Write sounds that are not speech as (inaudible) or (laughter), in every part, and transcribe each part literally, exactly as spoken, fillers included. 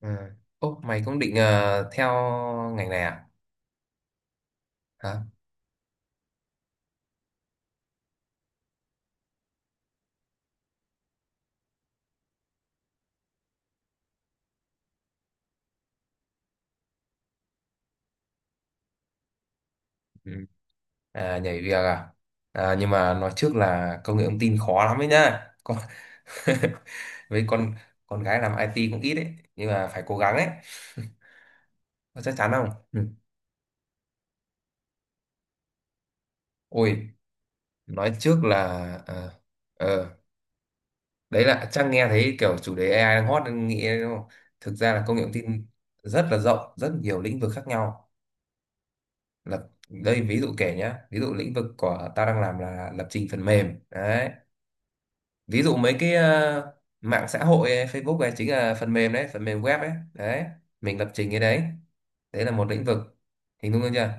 À. Ô, mày cũng định ờ, theo ngành này à? Hả? Ừ. À, nhảy việc à? à? Nhưng mà nói trước là công nghệ thông tin khó lắm ấy nhá. Con... (laughs) Với con con gái làm i tê cũng ít ấy, nhưng mà phải cố gắng ấy. Có chắc chắn không? Ừ. Ôi, nói trước là ờ, ờ, đấy là chắc nghe thấy kiểu chủ đề a i đang hot nên nghĩ đúng không? Thực ra là công nghệ thông tin rất là rộng, rất nhiều lĩnh vực khác nhau. Lập đây ví dụ kể nhá, ví dụ lĩnh vực của ta đang làm là lập trình phần mềm đấy. Ví dụ mấy cái ờ, mạng xã hội ấy, Facebook ấy chính là phần mềm đấy, phần mềm web ấy đấy, mình lập trình cái đấy. Đấy là một lĩnh vực, hình dung được chưa?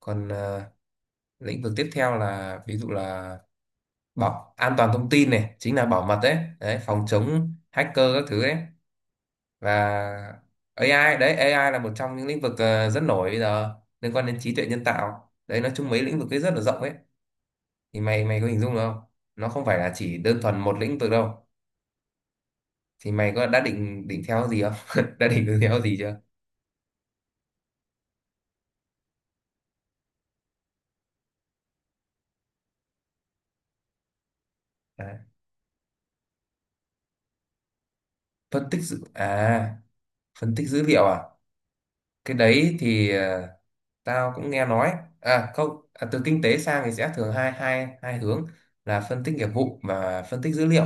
Còn ờ, lĩnh vực tiếp theo là ví dụ là bảo an toàn thông tin này, chính là bảo mật đấy, đấy phòng chống hacker các thứ đấy. Và a i đấy, a i là một trong những lĩnh vực ờ, rất nổi bây giờ, liên quan đến trí tuệ nhân tạo đấy. Nói chung mấy lĩnh vực ấy rất là rộng ấy. Thì mày mày có hình dung được không? Nó không phải là chỉ đơn thuần một lĩnh vực đâu. Thì mày có đã định định theo gì không (laughs) đã định hướng theo gì chưa? à, phân tích dữ à Phân tích dữ liệu à? Cái đấy thì ờ, tao cũng nghe nói. À không à, Từ kinh tế sang thì sẽ thường hai hai hai hướng là phân tích nghiệp vụ và phân tích dữ liệu.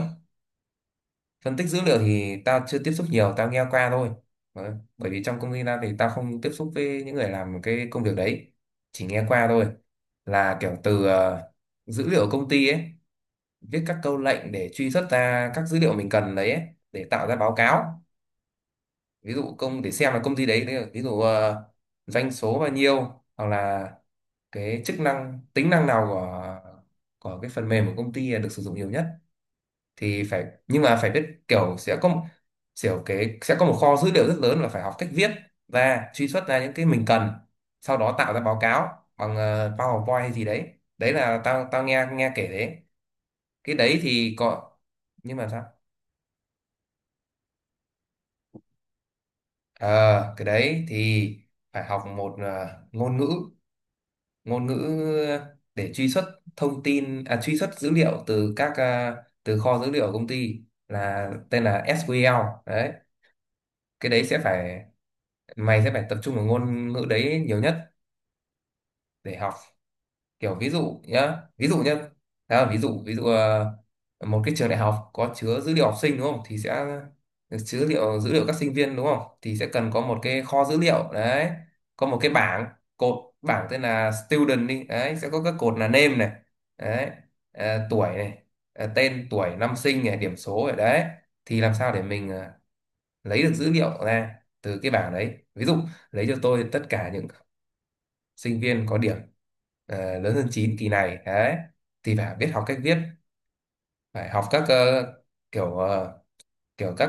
Phân tích dữ liệu thì tao chưa tiếp xúc nhiều, tao nghe qua thôi. Đấy. Bởi vì trong công ty tao thì tao không tiếp xúc với những người làm cái công việc đấy, chỉ nghe qua thôi, là kiểu từ ờ, dữ liệu công ty ấy, viết các câu lệnh để truy xuất ra các dữ liệu mình cần đấy ấy, để tạo ra báo cáo. Ví dụ công để xem là công ty đấy, ví dụ ờ, doanh số bao nhiêu, hoặc là cái chức năng tính năng nào của của cái phần mềm của công ty được sử dụng nhiều nhất. Thì phải, nhưng mà phải biết kiểu sẽ có một- kiểu cái sẽ có một kho dữ liệu rất lớn, và phải học cách viết ra, truy xuất ra những cái mình cần, sau đó tạo ra báo cáo bằng ờ, PowerPoint hay gì đấy. Đấy là tao tao nghe nghe kể đấy, cái đấy thì có. Nhưng mà sao? ờ cái đấy thì phải học một ờ, ngôn ngữ, ngôn ngữ để truy xuất thông tin à, truy xuất dữ liệu từ các ờ, từ kho dữ liệu của công ty, là tên là sequel đấy. Cái đấy sẽ phải, mày sẽ phải tập trung vào ngôn ngữ đấy nhiều nhất để học. Kiểu ví dụ nhá, ví dụ nhá, đó là ví dụ, ví dụ ờ, một cái trường đại học có chứa dữ liệu học sinh đúng không, thì sẽ chứa dữ liệu dữ liệu các sinh viên đúng không, thì sẽ cần có một cái kho dữ liệu đấy. Có một cái bảng, cột, bảng tên là student đi đấy, sẽ có các cột là name này, đấy, ờ, tuổi này, ờ, tên, tuổi, năm sinh này, điểm số này đấy. Thì làm sao để mình ờ, lấy được dữ liệu ra từ cái bảng đấy. Ví dụ lấy cho tôi tất cả những sinh viên có điểm ờ, lớn hơn chín kỳ này đấy. Thì phải biết học cách viết, phải học các ờ, kiểu ờ, kiểu các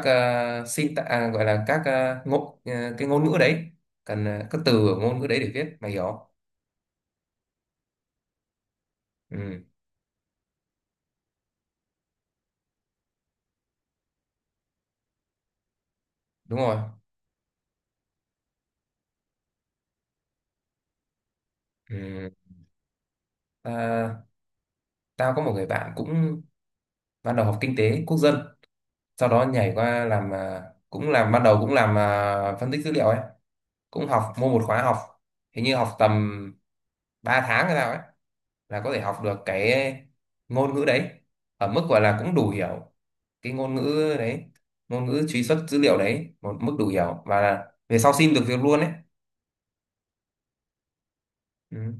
uh, sinh à, gọi là các ờ, ngôn ờ, cái ngôn ngữ đấy, cần ờ, các từ ở ngôn ngữ đấy để viết, mày hiểu không? Ừ, đúng rồi. Ừ. ta- Tao có một người bạn cũng ban đầu học kinh tế quốc dân, sau đó nhảy qua làm ờ, cũng làm ban đầu, cũng làm ờ, phân tích dữ liệu ấy, cũng học mua một khóa học, hình như học tầm ba tháng hay sao ấy, là có thể học được cái ngôn ngữ đấy, ở mức gọi là cũng đủ hiểu cái ngôn ngữ đấy, ngôn ngữ truy xuất dữ liệu đấy, một mức đủ hiểu, và là về sau xin được việc luôn đấy. Ừ.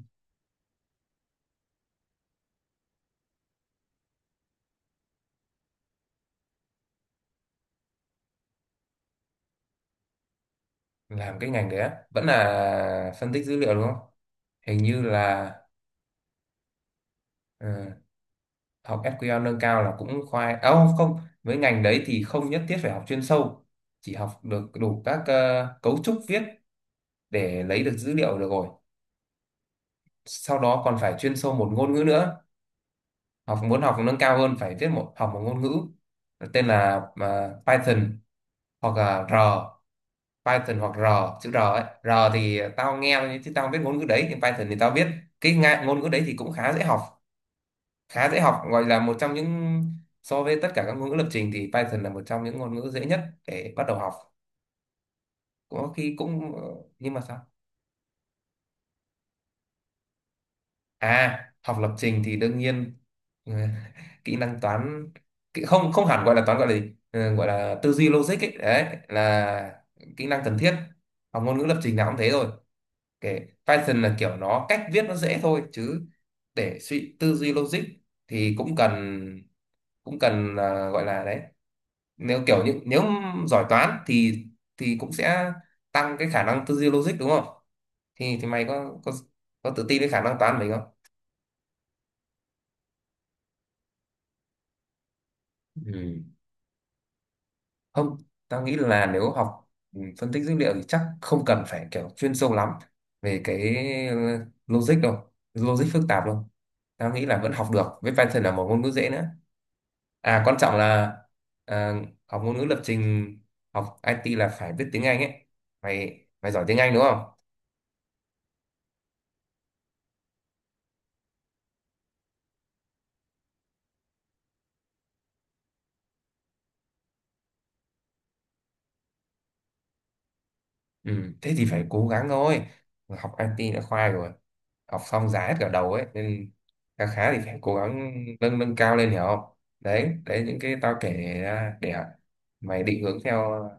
Làm cái ngành đấy á, vẫn là phân tích dữ liệu đúng không? Hình như là. Ừ, học sequel nâng cao là cũng khoai à, không không, với ngành đấy thì không nhất thiết phải học chuyên sâu, chỉ học được đủ các ờ, cấu trúc viết để lấy được dữ liệu được rồi, sau đó còn phải chuyên sâu một ngôn ngữ nữa. Học muốn học nâng cao hơn phải viết một, học một ngôn ngữ tên là à, Python hoặc là R. Python hoặc R, chữ R ấy, R thì tao nghe chứ tao không biết ngôn ngữ đấy, thì Python thì tao biết. Cái nga- ngôn ngữ đấy thì cũng khá dễ học, khá dễ học, gọi là một trong những, so với tất cả các ngôn ngữ lập trình thì Python là một trong những ngôn ngữ dễ nhất để bắt đầu học. Có khi cũng ờ, nhưng mà sao? À, học lập trình thì đương nhiên, ừ, (laughs) kỹ năng toán, kỹ- không, không hẳn gọi là toán, gọi là gì? Ừ, gọi là tư duy logic ấy, đấy là kỹ năng cần thiết, học ngôn ngữ lập trình nào cũng thế rồi. Kể Python là kiểu nó cách viết nó dễ thôi, chứ để suy, tư duy logic thì cũng cần, cũng cần à, gọi là đấy. Nếu kiểu như, nếu giỏi toán thì thì cũng sẽ tăng cái khả năng tư duy logic đúng không? Thì thì mày có có có tự tin với khả năng toán của mình không? Ừ. Không, tao nghĩ là nếu học ừ, phân tích dữ liệu thì chắc không cần phải kiểu chuyên sâu lắm về cái ờ, logic đâu, logic phức tạp đâu. Tao nghĩ là vẫn học được, với Python là một ngôn ngữ dễ nữa. À quan trọng là ờ, học ngôn ngữ lập trình, học ai ti là phải biết tiếng Anh ấy. Mày mày giỏi tiếng Anh đúng không? Ừ, thế thì phải cố gắng thôi. Học ai ti đã khoai rồi. Học xong giá hết cả đầu ấy. Nên khá khá thì phải cố gắng nâng nâng cao lên, hiểu không? Đấy, đấy những cái tao kể ra để mày định hướng theo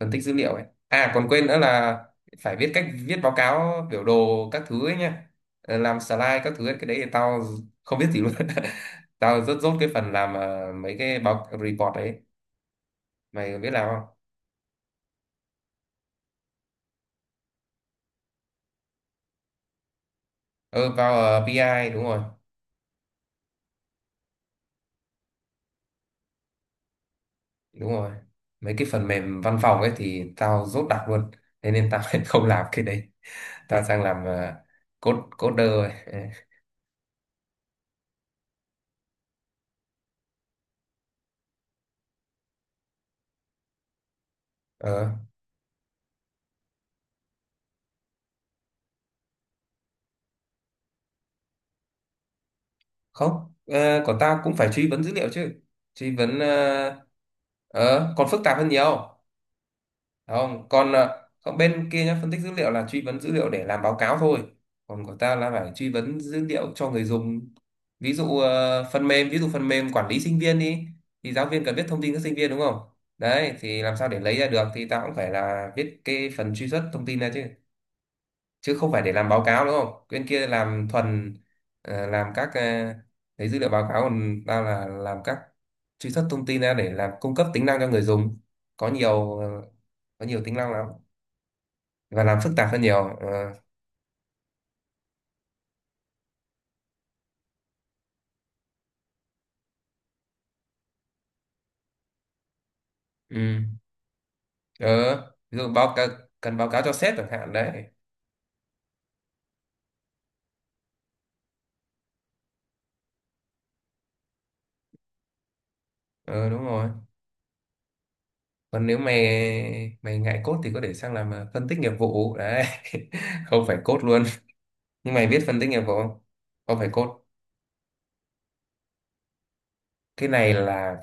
phân tích dữ liệu ấy. À còn quên nữa là phải viết, cách viết báo cáo, biểu đồ các thứ ấy nha. Ờ, làm slide các thứ ấy. Cái đấy thì tao không biết gì luôn. (laughs) Tao rất dốt cái phần làm ờ, mấy cái báo, report ấy. Mày biết làm không? Ừ, vào ờ, pi ai, đúng rồi. Đúng rồi, mấy cái phần mềm văn phòng ấy thì tao dốt đặc luôn. Thế nên tao (laughs) không làm cái đấy, tao sang làm uh, code coder rồi. Ờ. Ờ. Không ờ, còn tao cũng phải truy vấn dữ liệu chứ. Truy vấn ờ ờ, còn phức tạp hơn nhiều. Không còn ờ, còn bên kia nhá, phân tích dữ liệu là truy vấn dữ liệu để làm báo cáo thôi, còn của ta là phải truy vấn dữ liệu cho người dùng. Ví dụ ờ, phần mềm ví dụ phần mềm quản lý sinh viên đi, thì giáo viên cần biết thông tin các sinh viên đúng không? Đấy thì làm sao để lấy ra được thì ta cũng phải là viết cái phần truy xuất thông tin ra chứ, chứ không phải để làm báo cáo đúng không? Bên kia làm thuần ờ, làm các ờ, lấy dữ liệu báo cáo, còn ta là làm các truy xuất thông tin ra để làm, cung cấp tính năng cho người dùng. Có nhiều ờ, có nhiều tính năng lắm, và làm phức tạp hơn nhiều. ờ ừ. ờ Ví dụ báo cáo, cần báo cáo cho sếp chẳng hạn đấy. Ờ đúng rồi. Còn nếu mày mày ngại code thì có thể sang làm ờ, phân tích nghiệp vụ đấy, (laughs) không phải code luôn. Nhưng mày biết phân tích nghiệp vụ không? Không phải code. Cái này là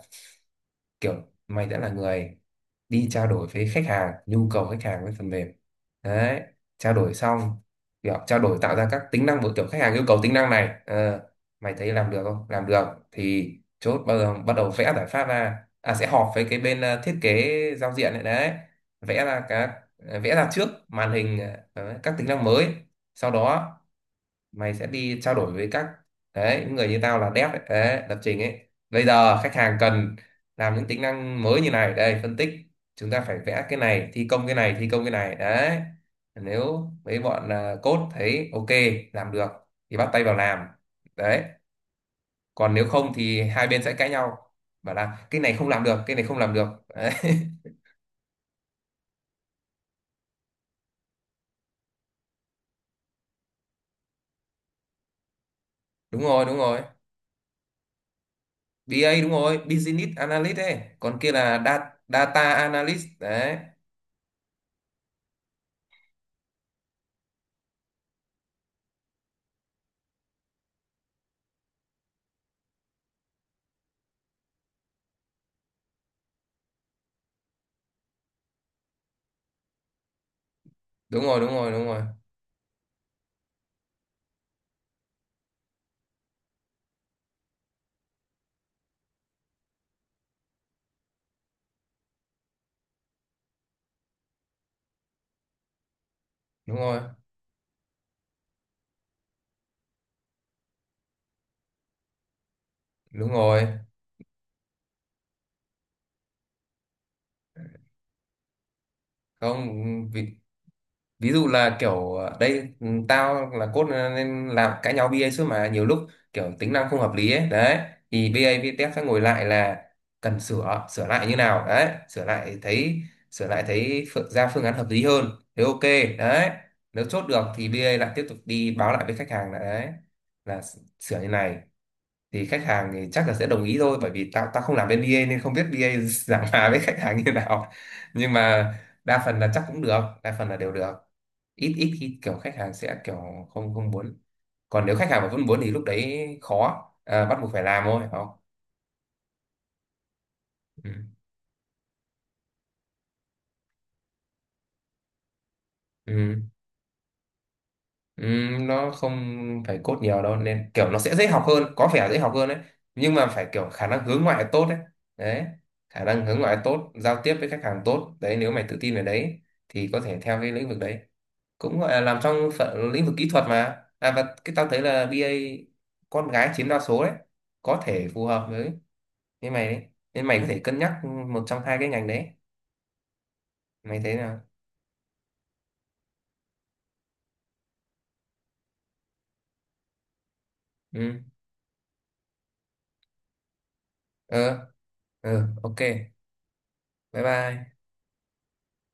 kiểu mày đã là người đi trao đổi với khách hàng, nhu cầu khách hàng với phần mềm đấy, trao đổi xong kiểu trao đổi, tạo ra các tính năng của kiểu khách hàng yêu cầu tính năng này. Ờ, mày thấy làm được không, làm được thì chốt, bắt đầu, bắt đầu vẽ giải pháp ra, à sẽ họp với cái bên ờ, thiết kế giao diện này đấy, vẽ ra các, vẽ ra trước màn hình ờ, các tính năng mới. Sau đó mày sẽ đi trao đổi với các, đấy những người như tao là dev ấy, đấy, lập trình ấy, bây giờ khách hàng cần làm những tính năng mới như này, đây phân tích, chúng ta phải vẽ cái này, thi công cái này, thi công cái này đấy. Nếu mấy bọn à, code thấy ok, làm được thì bắt tay vào làm. Đấy. Còn nếu không thì hai bên sẽ cãi nhau, bảo là cái này không làm được, cái này không làm được đấy. (laughs) Đúng rồi, đúng rồi. bê a đúng rồi, business analyst ấy, còn kia là da- data analyst đấy. Đúng rồi, đúng rồi, đúng rồi, đúng rồi, đúng rồi. Không, ví, ví dụ là kiểu ờ, đây, ừ, tao là cốt ờ, nên làm cãi nhau bê a suốt mà, nhiều lúc kiểu tính năng không hợp lý ấy đấy, thì bê a VTech sẽ ngồi lại là cần sửa sửa lại như nào đấy, sửa lại thấy sửa lại thấy phương, ra phương án hợp lý hơn, thế ok đấy. Nếu chốt được thì bê a lại tiếp tục đi báo lại với khách hàng là đấy, là s- sửa như này, thì khách hàng thì chắc là sẽ đồng ý thôi, bởi vì tao tao không làm bên bê a nên không biết bê a giảng hòa (laughs) với khách hàng như nào. Nhưng mà đa phần là chắc cũng được, đa phần là đều được, ít ít khi kiểu khách hàng sẽ kiểu không, không muốn. Còn nếu khách hàng mà vẫn muốn thì lúc đấy khó, à, bắt buộc phải làm thôi phải không? Ừ. Ừ. Ừm, nó không phải code nhiều đâu nên kiểu nó sẽ dễ học hơn, có vẻ dễ học hơn đấy, nhưng mà phải kiểu khả năng hướng ngoại tốt đấy, đấy khả năng hướng ngoại tốt, giao tiếp với khách hàng tốt đấy, nếu mày tự tin về đấy thì có thể theo cái lĩnh vực đấy, cũng gọi là làm trong phận lĩnh vực kỹ thuật mà. À và cái tao thấy là bê a con gái chiếm đa số đấy, có thể phù hợp với với mày đấy, nên mày có thể cân nhắc một trong hai cái ngành đấy, mày thấy nào? Ừ. Ờ. Ừ. Ok. Bye bye.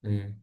Ừ.